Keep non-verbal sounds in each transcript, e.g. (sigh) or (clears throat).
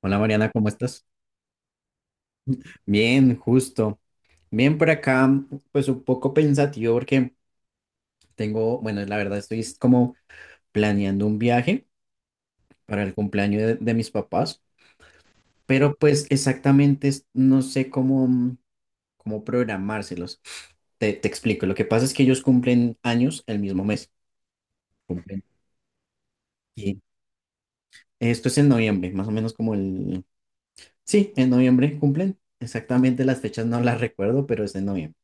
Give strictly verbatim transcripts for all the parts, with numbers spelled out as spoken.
Hola Mariana, ¿cómo estás? Bien, justo. Bien por acá, pues un poco pensativo porque tengo, bueno, la verdad estoy es como planeando un viaje para el cumpleaños de, de mis papás, pero pues exactamente es- no sé cómo, mm, cómo programárselos. Te, te explico, lo que pasa es que ellos cumplen años el mismo mes. Cumplen. Y esto es en noviembre, más o menos como el... Sí, en noviembre cumplen. Exactamente las fechas no las recuerdo, pero es en noviembre.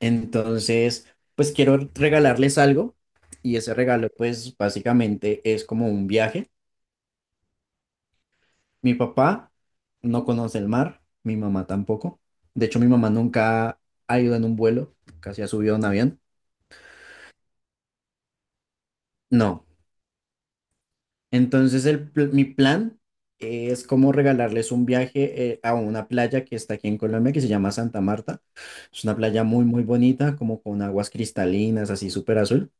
Entonces, pues quiero regalarles algo y ese regalo, pues básicamente es como un viaje. Mi papá no conoce el mar, mi mamá tampoco. De hecho, mi mamá nunca ha ido en un vuelo, casi ha subido a un avión. No. Entonces, el, pl- mi plan es como regalarles un viaje eh, a una playa que está aquí en Colombia, que se llama Santa Marta. Es una playa muy, muy bonita, como con aguas cristalinas, así súper azul.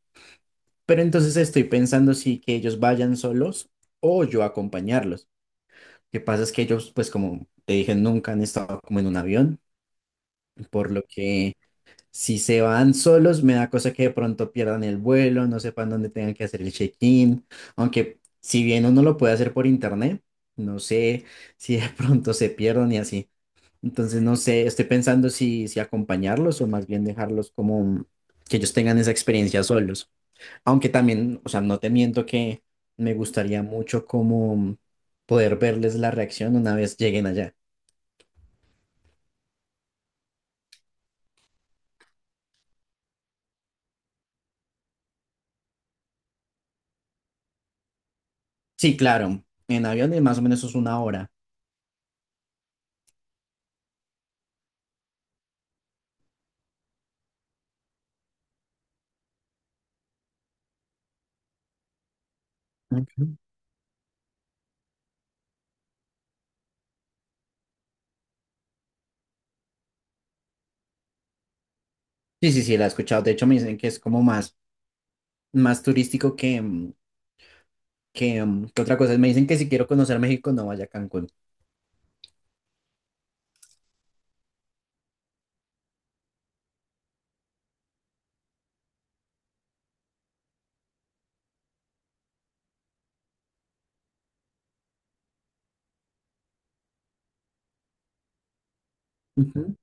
Pero entonces estoy pensando si que ellos vayan solos o yo acompañarlos. Lo que pasa es que ellos, pues como te dije, nunca han estado como en un avión, por lo que si se van solos me da cosa que de pronto pierdan el vuelo, no sepan dónde tengan que hacer el check-in, aunque si bien uno lo puede hacer por internet, no sé si de pronto se pierdan y así. Entonces no sé, estoy pensando si, si acompañarlos o más bien dejarlos como que ellos tengan esa experiencia solos. Aunque también, o sea, no te miento que me gustaría mucho como poder verles la reacción una vez lleguen allá. Sí, claro, en avión es más o menos es una hora. Ok. Sí, sí, sí, la he escuchado. De hecho, me dicen que es como más, más turístico que, mm, que, mm, que otra cosa. Me dicen que si quiero conocer México, no vaya a Cancún. Ujú,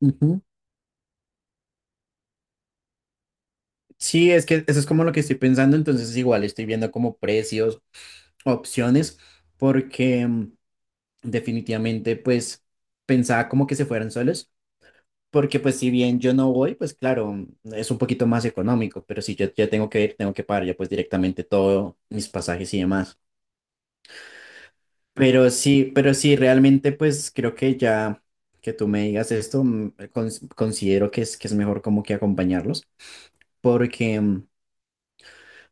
ujú. Sí, es que eso es como lo que estoy pensando. Entonces, igual estoy viendo como precios, opciones, porque mm, definitivamente, pues, pensaba como que se fueran solos. Porque pues si bien yo no voy, pues claro, es un poquito más económico, pero si yo ya tengo que ir, tengo que pagar ya pues directamente todos mis pasajes y demás. Pero sí, pero sí, realmente pues creo que ya que tú me digas esto, mm, cons- considero que es, que es mejor como que acompañarlos, porque, mm,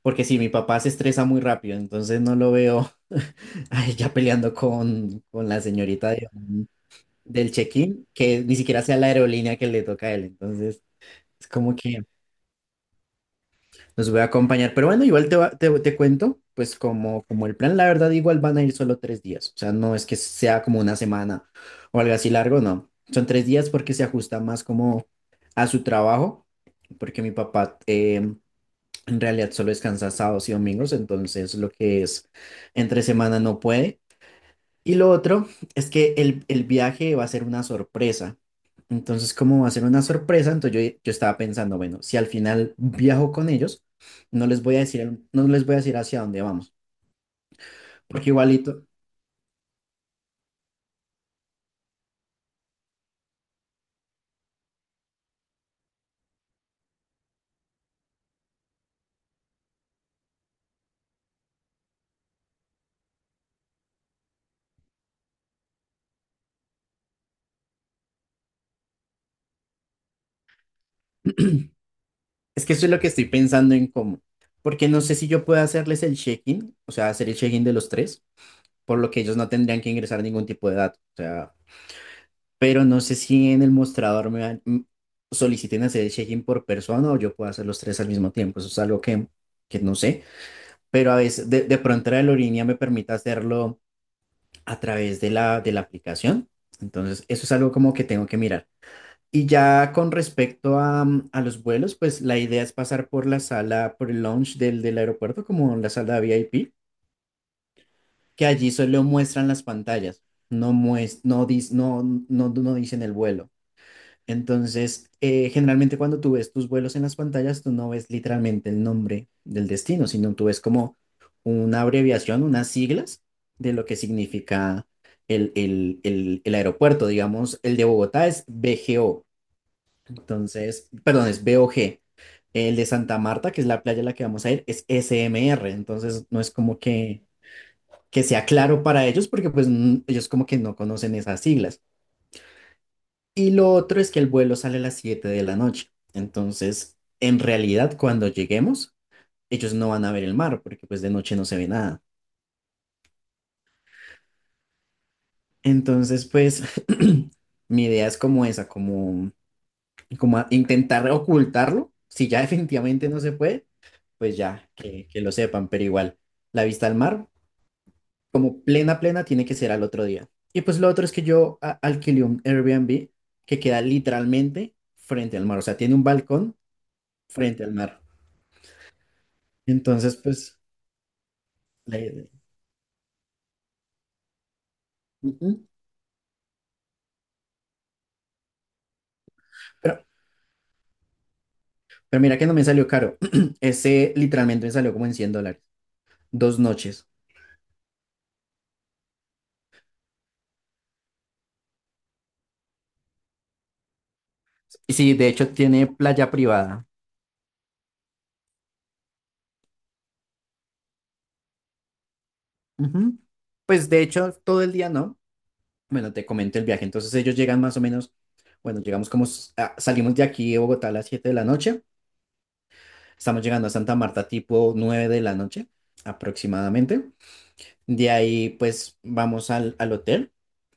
porque si mi papá se estresa muy rápido, entonces no lo veo (laughs) ay, ya peleando con, con la señorita de- mm, del check-in, que ni siquiera sea la aerolínea que le toca a él, entonces es como que... Los voy a acompañar, pero bueno, igual te, va- te, te cuento, pues como, como el plan, la verdad, igual van a ir solo tres días, o sea, no es que sea como una semana o algo así largo, no, son tres días porque se ajusta más como a su trabajo, porque mi papá eh, en realidad solo descansa sábados y domingos, entonces lo que es entre semana no puede, y lo otro es que el, el viaje va a ser una sorpresa. Entonces, como va a ser una sorpresa, entonces yo, yo estaba pensando, bueno, si al final viajo con ellos, no les voy a decir, el- no les voy a decir hacia dónde vamos, porque igualito, es que eso es lo que estoy pensando en cómo, porque no sé si yo puedo hacerles el check-in, o sea, hacer el check-in de los tres, por lo que ellos no tendrían que ingresar ningún tipo de dato, o sea, pero no sé si en el mostrador me van- m- soliciten hacer el check-in por persona o yo puedo hacer los tres al mismo tiempo, eso es algo que, que no sé. Pero a veces de, de pronto la aerolínea me permite hacerlo a través de la, de la aplicación. Entonces, eso es algo como que tengo que mirar. Y ya con respecto a, mm, a los vuelos, pues la idea es pasar por la sala, por el lounge del, del aeropuerto, como la sala V I P, que allí solo muestran las pantallas, no, muest no, dis- no, no, no dicen el vuelo. Entonces, eh, generalmente cuando tú ves tus vuelos en las pantallas, tú no ves literalmente el nombre del destino, sino tú ves como una abreviación, unas siglas de lo que significa el, el, el, el aeropuerto. Digamos, el de Bogotá es B G O, entonces, perdón, es B O G. El de Santa Marta, que es la playa a la que vamos a ir, es S M R, entonces no es como que, que sea claro para ellos porque pues n- ellos como que no conocen esas siglas. Y lo otro es que el vuelo sale a las siete de la noche. Entonces, en realidad, cuando lleguemos, ellos no van a ver el mar, porque pues de noche no se ve nada. Entonces, pues, (clears throat) mi idea es como esa, como, como a- intentar ocultarlo. Si ya (laughs) definitivamente no se puede, pues ya, que, que lo sepan, pero igual, la vista al mar, como plena, plena, tiene que ser al otro día. Y pues lo otro es que yo a- alquilé un Airbnb que queda literalmente frente al mar, o sea, tiene un balcón frente al mar. Entonces, pues, la idea- ujú. Pero, pero mira que no me salió caro. (clears throat) Ese literalmente me salió como en cien dólares. Dos noches. Y sí, de hecho tiene playa privada. Ujú. Pues de hecho, todo el día no. Bueno, te comento el viaje. Entonces ellos llegan más o menos, bueno, llegamos como, s- ah, salimos de aquí de Bogotá a las siete de la noche. Estamos llegando a Santa Marta tipo nueve de la noche aproximadamente. De ahí pues vamos al, al hotel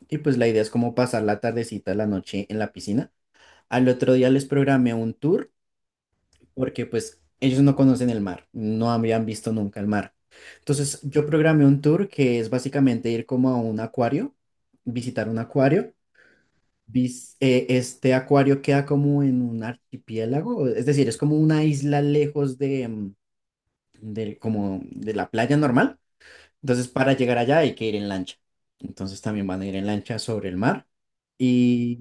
y pues la idea es como pasar la tardecita, la noche en la piscina. Al otro día les programé un tour porque pues ellos no conocen el mar, no habían visto nunca el mar. Entonces yo programé un tour que es básicamente ir como a un acuario, visitar un acuario. Vis- eh, este acuario queda como en un archipiélago, es decir, es como una isla lejos de, mm, del- como de la playa normal. Entonces para llegar allá hay que ir en lancha. Entonces también van a ir en lancha sobre el mar. Y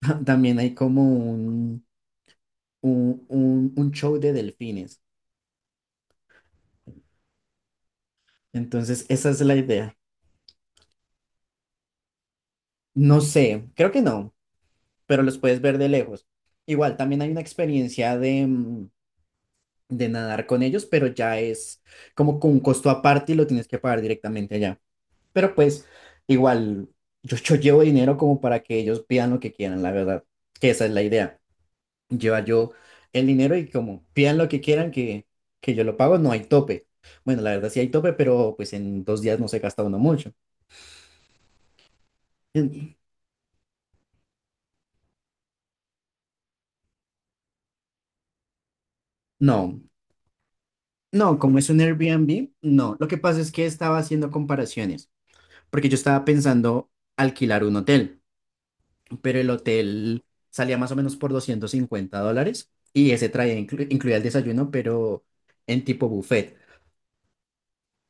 (laughs) también hay como un, un, un- un show de delfines. Entonces, esa es la idea. No sé, creo que no, pero los puedes ver de lejos. Igual, también hay una experiencia de, mm, de nadar con ellos, pero ya es como con un costo aparte y lo tienes que pagar directamente allá. Pero pues, igual, yo, yo llevo dinero como para que ellos pidan lo que quieran, la verdad, que esa es la idea. Lleva yo el dinero y como pidan lo que quieran que, que yo lo pago, no hay tope. Bueno, la verdad sí hay tope, pero pues en dos días no se gasta uno mucho. en- No, no, como es un Airbnb, no. Lo que pasa es que estaba haciendo comparaciones, porque yo estaba pensando alquilar un hotel, pero el hotel salía más o menos por doscientos cincuenta dólares y ese traía, inclu- incluía el desayuno, pero en tipo buffet.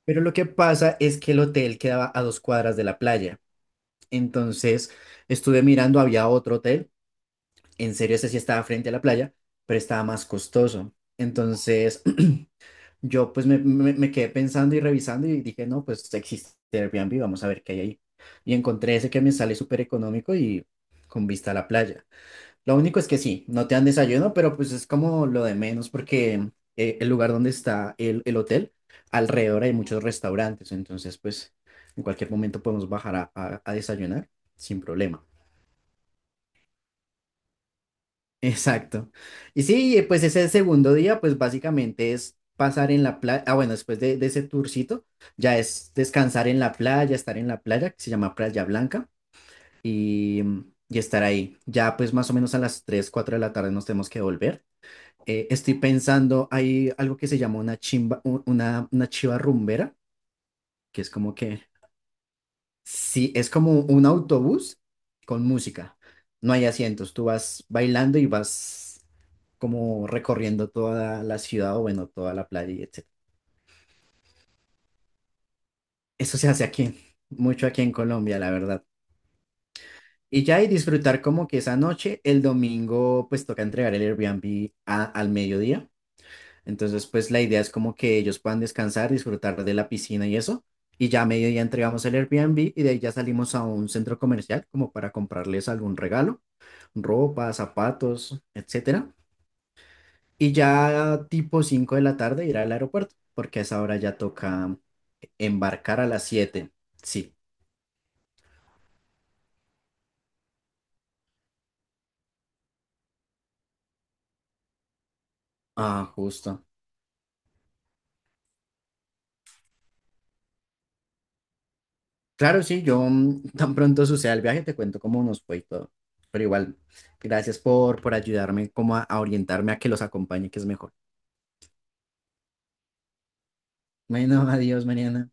Pero lo que pasa es que el hotel quedaba a dos cuadras de la playa. Entonces estuve mirando, había otro hotel, en serio ese sí estaba frente a la playa, pero estaba más costoso. Entonces yo pues me, me- me quedé pensando y revisando y dije, no, pues existe Airbnb, vamos a ver qué hay ahí. Y encontré ese que me sale súper económico y con vista a la playa. Lo único es que sí, no te dan desayuno, pero pues es como lo de menos porque eh, el lugar donde está el, el hotel, alrededor hay muchos restaurantes, entonces pues en cualquier momento podemos bajar a, a a desayunar sin problema. Exacto. Y sí, eh, pues ese segundo día, pues básicamente es pasar en la playa, ah, bueno, después de, de ese tourcito, ya es descansar en la playa, estar en la playa, que se llama Playa Blanca, y, y estar ahí. Ya pues más o menos a las tres cuatro de la tarde nos tenemos que volver. Eh, estoy pensando, hay algo que se llama una chimba, u- una, una chiva rumbera, que es como que, sí, es como un autobús con música. No hay asientos, tú vas bailando y vas como recorriendo toda la ciudad o bueno, toda la playa y etcétera. Eso se hace aquí, mucho aquí en Colombia, la verdad. Y ya y disfrutar como que esa noche, el domingo, pues toca entregar el Airbnb a- al mediodía. Entonces, pues la idea es como que ellos puedan descansar, disfrutar de la piscina y eso. Y ya a mediodía entregamos el Airbnb y de ahí ya salimos a un centro comercial como para comprarles algún regalo, ropa, zapatos, etcétera. Y ya tipo cinco de la tarde ir al aeropuerto, porque a esa hora ya toca embarcar a las siete. Sí. Ah, justo. Claro, sí, yo mm, (laughs) tan pronto suceda el viaje te cuento cómo nos fue y todo. Pero igual, gracias por, por ayudarme como a, a orientarme a que los acompañe, que es mejor. Bueno, (laughs) adiós, Mariana.